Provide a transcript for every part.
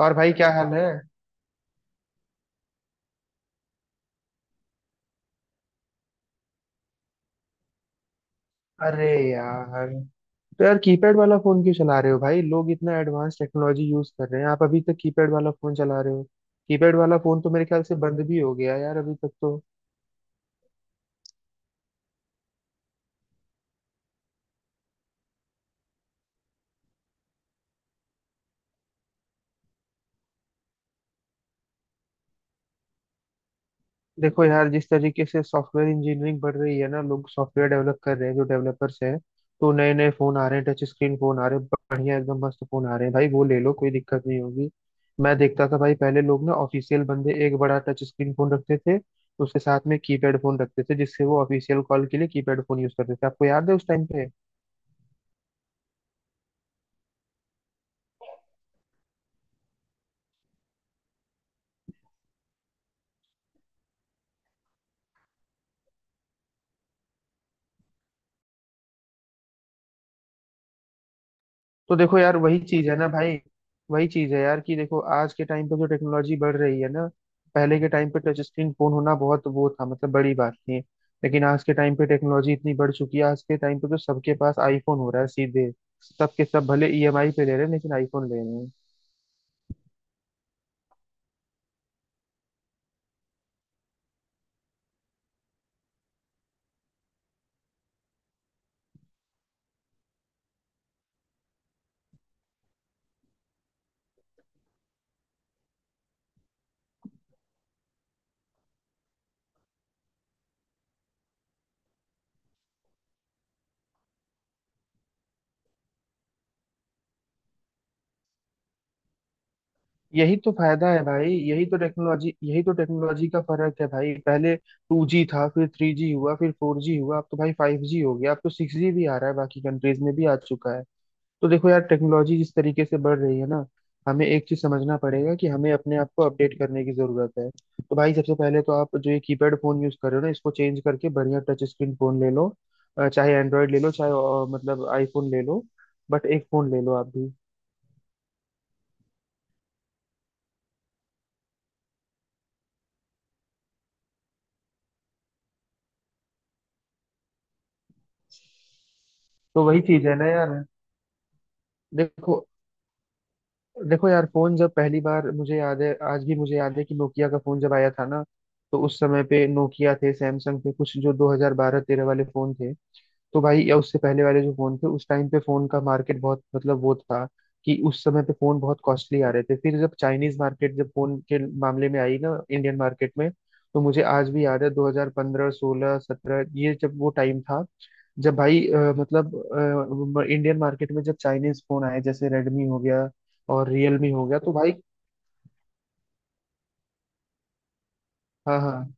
और भाई क्या हाल है। अरे यार। तो यार कीपैड वाला फोन क्यों चला रहे हो भाई? लोग इतना एडवांस टेक्नोलॉजी यूज कर रहे हैं, आप अभी तक कीपैड वाला फोन चला रहे हो। कीपैड वाला फोन तो मेरे ख्याल से बंद भी हो गया यार अभी तक तो। देखो यार, जिस तरीके से सॉफ्टवेयर इंजीनियरिंग बढ़ रही है ना, लोग सॉफ्टवेयर डेवलप कर रहे हैं, जो डेवलपर्स हैं, तो नए नए फोन आ रहे हैं, टच स्क्रीन फोन आ रहे हैं, बढ़िया एकदम मस्त फोन आ रहे हैं भाई, वो ले लो, कोई दिक्कत नहीं होगी। मैं देखता था भाई, पहले लोग ना ऑफिशियल बंदे एक बड़ा टच स्क्रीन फोन रखते थे, उसके साथ में कीपैड फोन रखते थे, जिससे वो ऑफिशियल कॉल के लिए कीपैड फोन यूज करते थे। आपको याद है उस टाइम पे? तो देखो यार, वही चीज है ना भाई, वही चीज है यार कि देखो आज के टाइम पे जो टेक्नोलॉजी बढ़ रही है ना, पहले के टाइम पे टच स्क्रीन फोन होना बहुत वो था, मतलब बड़ी बात थी। लेकिन आज के टाइम पे टेक्नोलॉजी इतनी बढ़ चुकी है, आज के टाइम पे तो सबके पास आईफोन हो रहा है सीधे। सबके सब भले ईएमआई पे ले रहे हैं लेकिन आईफोन ले रहे हैं। यही तो फायदा है भाई, यही तो टेक्नोलॉजी का फर्क है भाई। पहले 2G था, फिर 3G हुआ, फिर 4G हुआ, अब तो भाई 5G हो गया, अब तो 6G भी आ रहा है, बाकी कंट्रीज में भी आ चुका है। तो देखो यार, टेक्नोलॉजी जिस तरीके से बढ़ रही है ना, हमें एक चीज समझना पड़ेगा कि हमें अपने आप को अपडेट करने की जरूरत है। तो भाई सबसे पहले तो आप जो ये कीपैड फोन यूज कर रहे हो ना, इसको चेंज करके बढ़िया टच स्क्रीन फोन ले लो, चाहे एंड्रॉयड ले लो, चाहे मतलब आईफोन ले लो, बट एक फोन ले लो आप भी। तो वही चीज है ना यार। देखो देखो यार, फोन जब पहली बार मुझे याद है, आज भी मुझे याद है कि नोकिया का फोन जब आया था ना, तो उस समय पे नोकिया थे, सैमसंग थे, कुछ जो 2012-13 वाले फोन थे। तो भाई या उससे पहले वाले जो फोन थे, उस टाइम पे फोन का मार्केट बहुत मतलब वो था, कि उस समय पे फोन बहुत कॉस्टली आ रहे थे। फिर जब चाइनीज मार्केट जब फोन के मामले में आई ना इंडियन मार्केट में, तो मुझे आज भी याद है 2015 16 17 ये जब वो टाइम था, जब भाई मतलब इंडियन मार्केट में जब चाइनीज फोन आए, जैसे रेडमी हो गया और रियलमी हो गया, तो भाई हाँ हाँ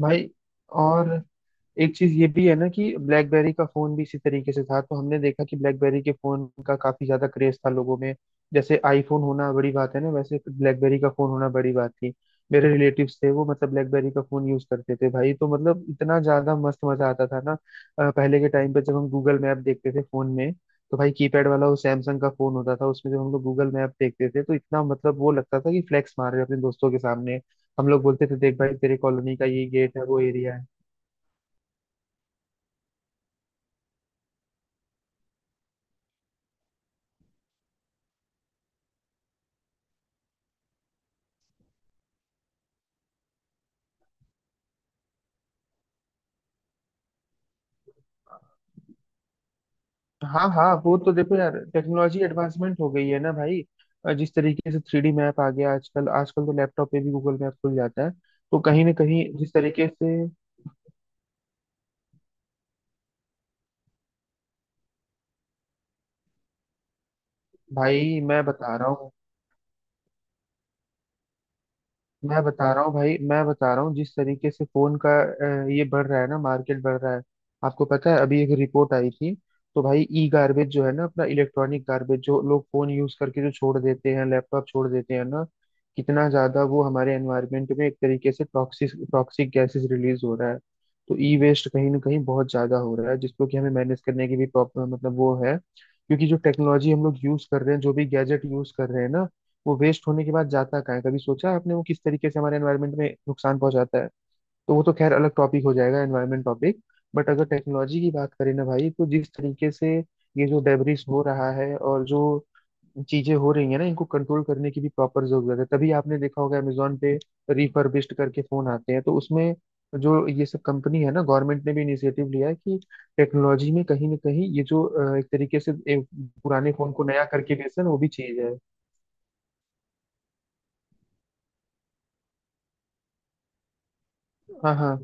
भाई। और एक चीज ये भी है ना कि ब्लैकबेरी का फोन भी इसी तरीके से था, तो हमने देखा कि ब्लैकबेरी के फोन का काफी ज्यादा क्रेज था लोगों में। जैसे आईफोन होना बड़ी बात है ना, वैसे ब्लैकबेरी का फोन होना बड़ी बात थी। मेरे रिलेटिव्स थे वो, मतलब ब्लैकबेरी का फोन यूज करते थे भाई, तो मतलब इतना ज्यादा मस्त मजा आता था ना। पहले के टाइम पे जब हम गूगल मैप देखते थे फोन में, तो भाई कीपैड वाला वो सैमसंग का फोन होता था, उसमें जब हम लोग गूगल मैप देखते थे तो इतना मतलब वो लगता था कि फ्लेक्स मार रहे हैं अपने दोस्तों के सामने। हम लोग बोलते थे देख भाई तेरे कॉलोनी का ये गेट है वो एरिया है। हाँ हाँ, वो तो देखो यार टेक्नोलॉजी एडवांसमेंट हो गई है ना भाई। जिस तरीके से 3D मैप आ गया आजकल, आजकल तो लैपटॉप पे भी गूगल मैप खुल जाता है, तो कहीं ना कहीं जिस तरीके से भाई मैं बता रहा हूँ भाई मैं बता रहा हूँ जिस तरीके से फोन का ये बढ़ रहा है ना, मार्केट बढ़ रहा है। आपको पता है अभी एक रिपोर्ट आई थी। तो भाई ई गार्बेज जो है ना, अपना इलेक्ट्रॉनिक गार्बेज जो लोग फोन यूज करके जो छोड़ देते हैं, लैपटॉप छोड़ देते हैं ना, कितना ज्यादा वो हमारे एनवायरमेंट में एक तरीके से टॉक्सिक टॉक्सिक गैसेस रिलीज हो रहा है। तो ई वेस्ट कहीं ना कहीं बहुत ज्यादा हो रहा है, जिसको कि हमें मैनेज करने की भी प्रॉब्लम मतलब वो है, क्योंकि जो टेक्नोलॉजी हम लोग यूज कर रहे हैं, जो भी गैजेट यूज कर रहे हैं ना, वो वेस्ट होने के बाद जाता कहाँ है, कभी सोचा है आपने, वो किस तरीके से हमारे एनवायरनमेंट में नुकसान पहुंचाता है। तो वो तो खैर अलग टॉपिक हो जाएगा, एनवायरनमेंट टॉपिक। बट अगर टेक्नोलॉजी की बात करें ना भाई, तो जिस तरीके से ये जो डेब्रिस हो रहा है और जो चीजें हो रही है ना, इनको कंट्रोल करने की भी प्रॉपर जरूरत है। तभी आपने देखा होगा अमेजोन पे रिफर्बिश्ड करके फोन आते हैं, तो उसमें जो ये सब कंपनी है ना, गवर्नमेंट ने भी इनिशिएटिव लिया है कि टेक्नोलॉजी में कहीं ना कहीं ये जो एक तरीके से एक पुराने फोन को नया करके बेचना, वो भी चीज है। हाँ हाँ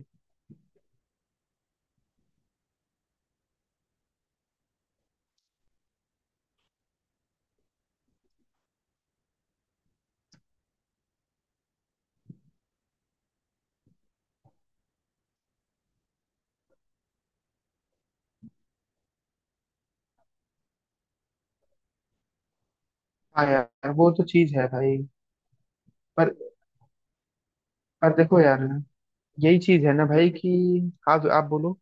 हाँ, यार वो तो चीज है भाई। पर पर देखो यार, यही चीज है ना भाई कि हाँ आप बोलो।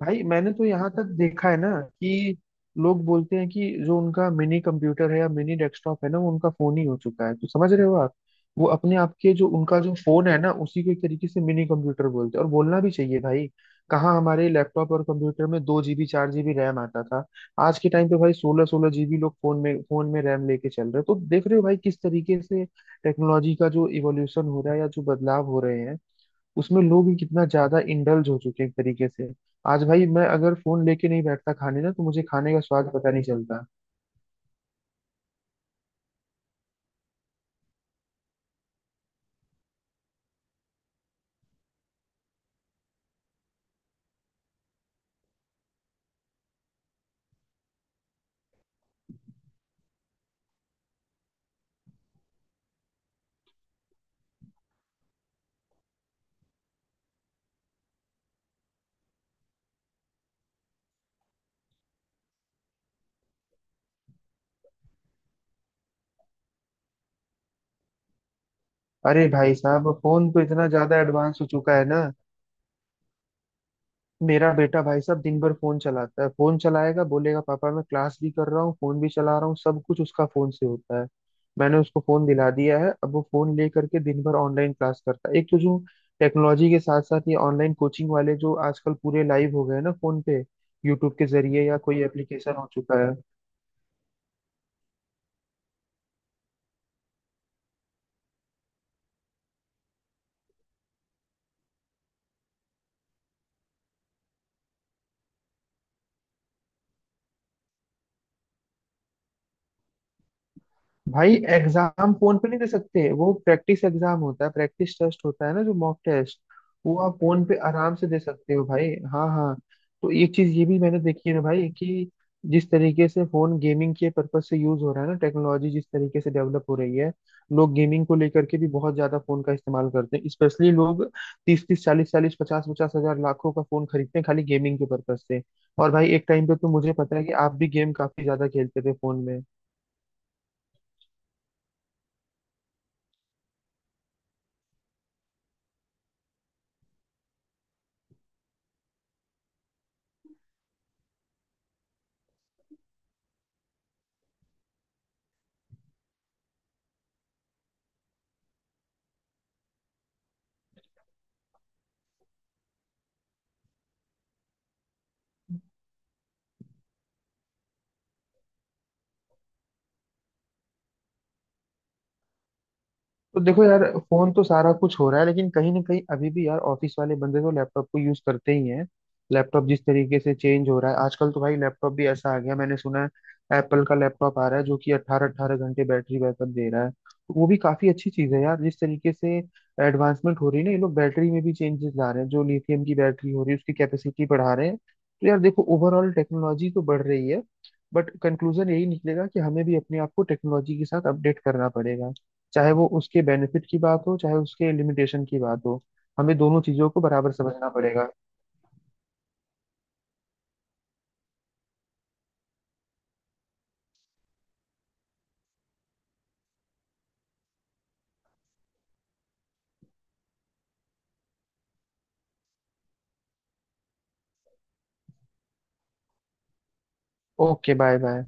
भाई मैंने तो यहाँ तक देखा है ना, कि लोग बोलते हैं कि जो उनका मिनी कंप्यूटर है या मिनी डेस्कटॉप है ना, वो उनका फोन ही हो चुका है, तो समझ रहे हो आप। वो अपने आप के जो उनका जो फोन है ना, उसी को एक तरीके से मिनी कंप्यूटर बोलते हैं, और बोलना भी चाहिए भाई। कहाँ हमारे लैपटॉप और कंप्यूटर में 2 जीबी 4 जीबी रैम आता था, आज के टाइम पे भाई सोलह सोलह जीबी लोग फोन में रैम लेके चल रहे हैं, तो देख रहे हो भाई किस तरीके से टेक्नोलॉजी का जो इवोल्यूशन हो रहा है या जो बदलाव हो रहे हैं, उसमें लोग ही कितना ज्यादा इंडल्ज हो चुके हैं एक तरीके से। आज भाई मैं अगर फोन लेके नहीं बैठता खाने ना, तो मुझे खाने का स्वाद पता नहीं चलता। अरे भाई साहब, फोन तो इतना ज्यादा एडवांस हो चुका है ना। मेरा बेटा भाई साहब दिन भर फोन चलाता है, फोन चलाएगा, बोलेगा पापा मैं क्लास भी कर रहा हूँ फोन भी चला रहा हूँ, सब कुछ उसका फोन से होता है। मैंने उसको फोन दिला दिया है, अब वो फोन ले करके दिन भर ऑनलाइन क्लास करता है, एक तो जो टेक्नोलॉजी के साथ साथ ये ऑनलाइन कोचिंग वाले जो आजकल पूरे लाइव हो गए हैं ना फोन पे, यूट्यूब के जरिए या कोई एप्लीकेशन हो चुका है। भाई एग्जाम फोन पे नहीं दे सकते, वो प्रैक्टिस एग्जाम होता है, प्रैक्टिस टेस्ट होता है ना, जो मॉक टेस्ट, वो आप फोन पे आराम से दे सकते हो भाई। हाँ हाँ। तो एक चीज ये भी मैंने देखी है ना भाई, कि जिस तरीके से फोन गेमिंग के पर्पज से यूज हो रहा है ना, टेक्नोलॉजी जिस तरीके से डेवलप हो रही है, लोग गेमिंग को लेकर के भी बहुत ज्यादा फोन का इस्तेमाल करते हैं, स्पेशली लोग तीस तीस चालीस चालीस पचास पचास हजार लाखों का फोन खरीदते हैं खाली गेमिंग के पर्पज से। और भाई एक टाइम पे तो मुझे पता है कि आप भी गेम काफी ज्यादा खेलते थे फोन। तो देखो यार, फोन तो सारा कुछ हो रहा है लेकिन कहीं ना कहीं अभी भी यार ऑफिस वाले बंदे तो लैपटॉप को यूज करते ही हैं। लैपटॉप जिस तरीके से चेंज हो रहा है, आजकल तो भाई लैपटॉप भी ऐसा आ गया, मैंने सुना है एप्पल का लैपटॉप आ रहा है जो कि अट्ठारह अट्ठारह घंटे बैटरी बैकअप दे रहा है, तो वो भी काफी अच्छी चीज है यार। जिस तरीके से एडवांसमेंट हो रही है ना, ये लोग बैटरी में भी चेंजेस ला रहे हैं, जो लिथियम की बैटरी हो रही है, उसकी कैपेसिटी बढ़ा रहे हैं, तो यार देखो ओवरऑल टेक्नोलॉजी तो बढ़ रही है। बट कंक्लूजन यही निकलेगा कि हमें भी अपने आप को टेक्नोलॉजी के साथ अपडेट करना पड़ेगा। चाहे वो उसके बेनिफिट की बात हो, चाहे उसके लिमिटेशन की बात हो, हमें दोनों चीजों को बराबर समझना पड़ेगा। Okay bye bye.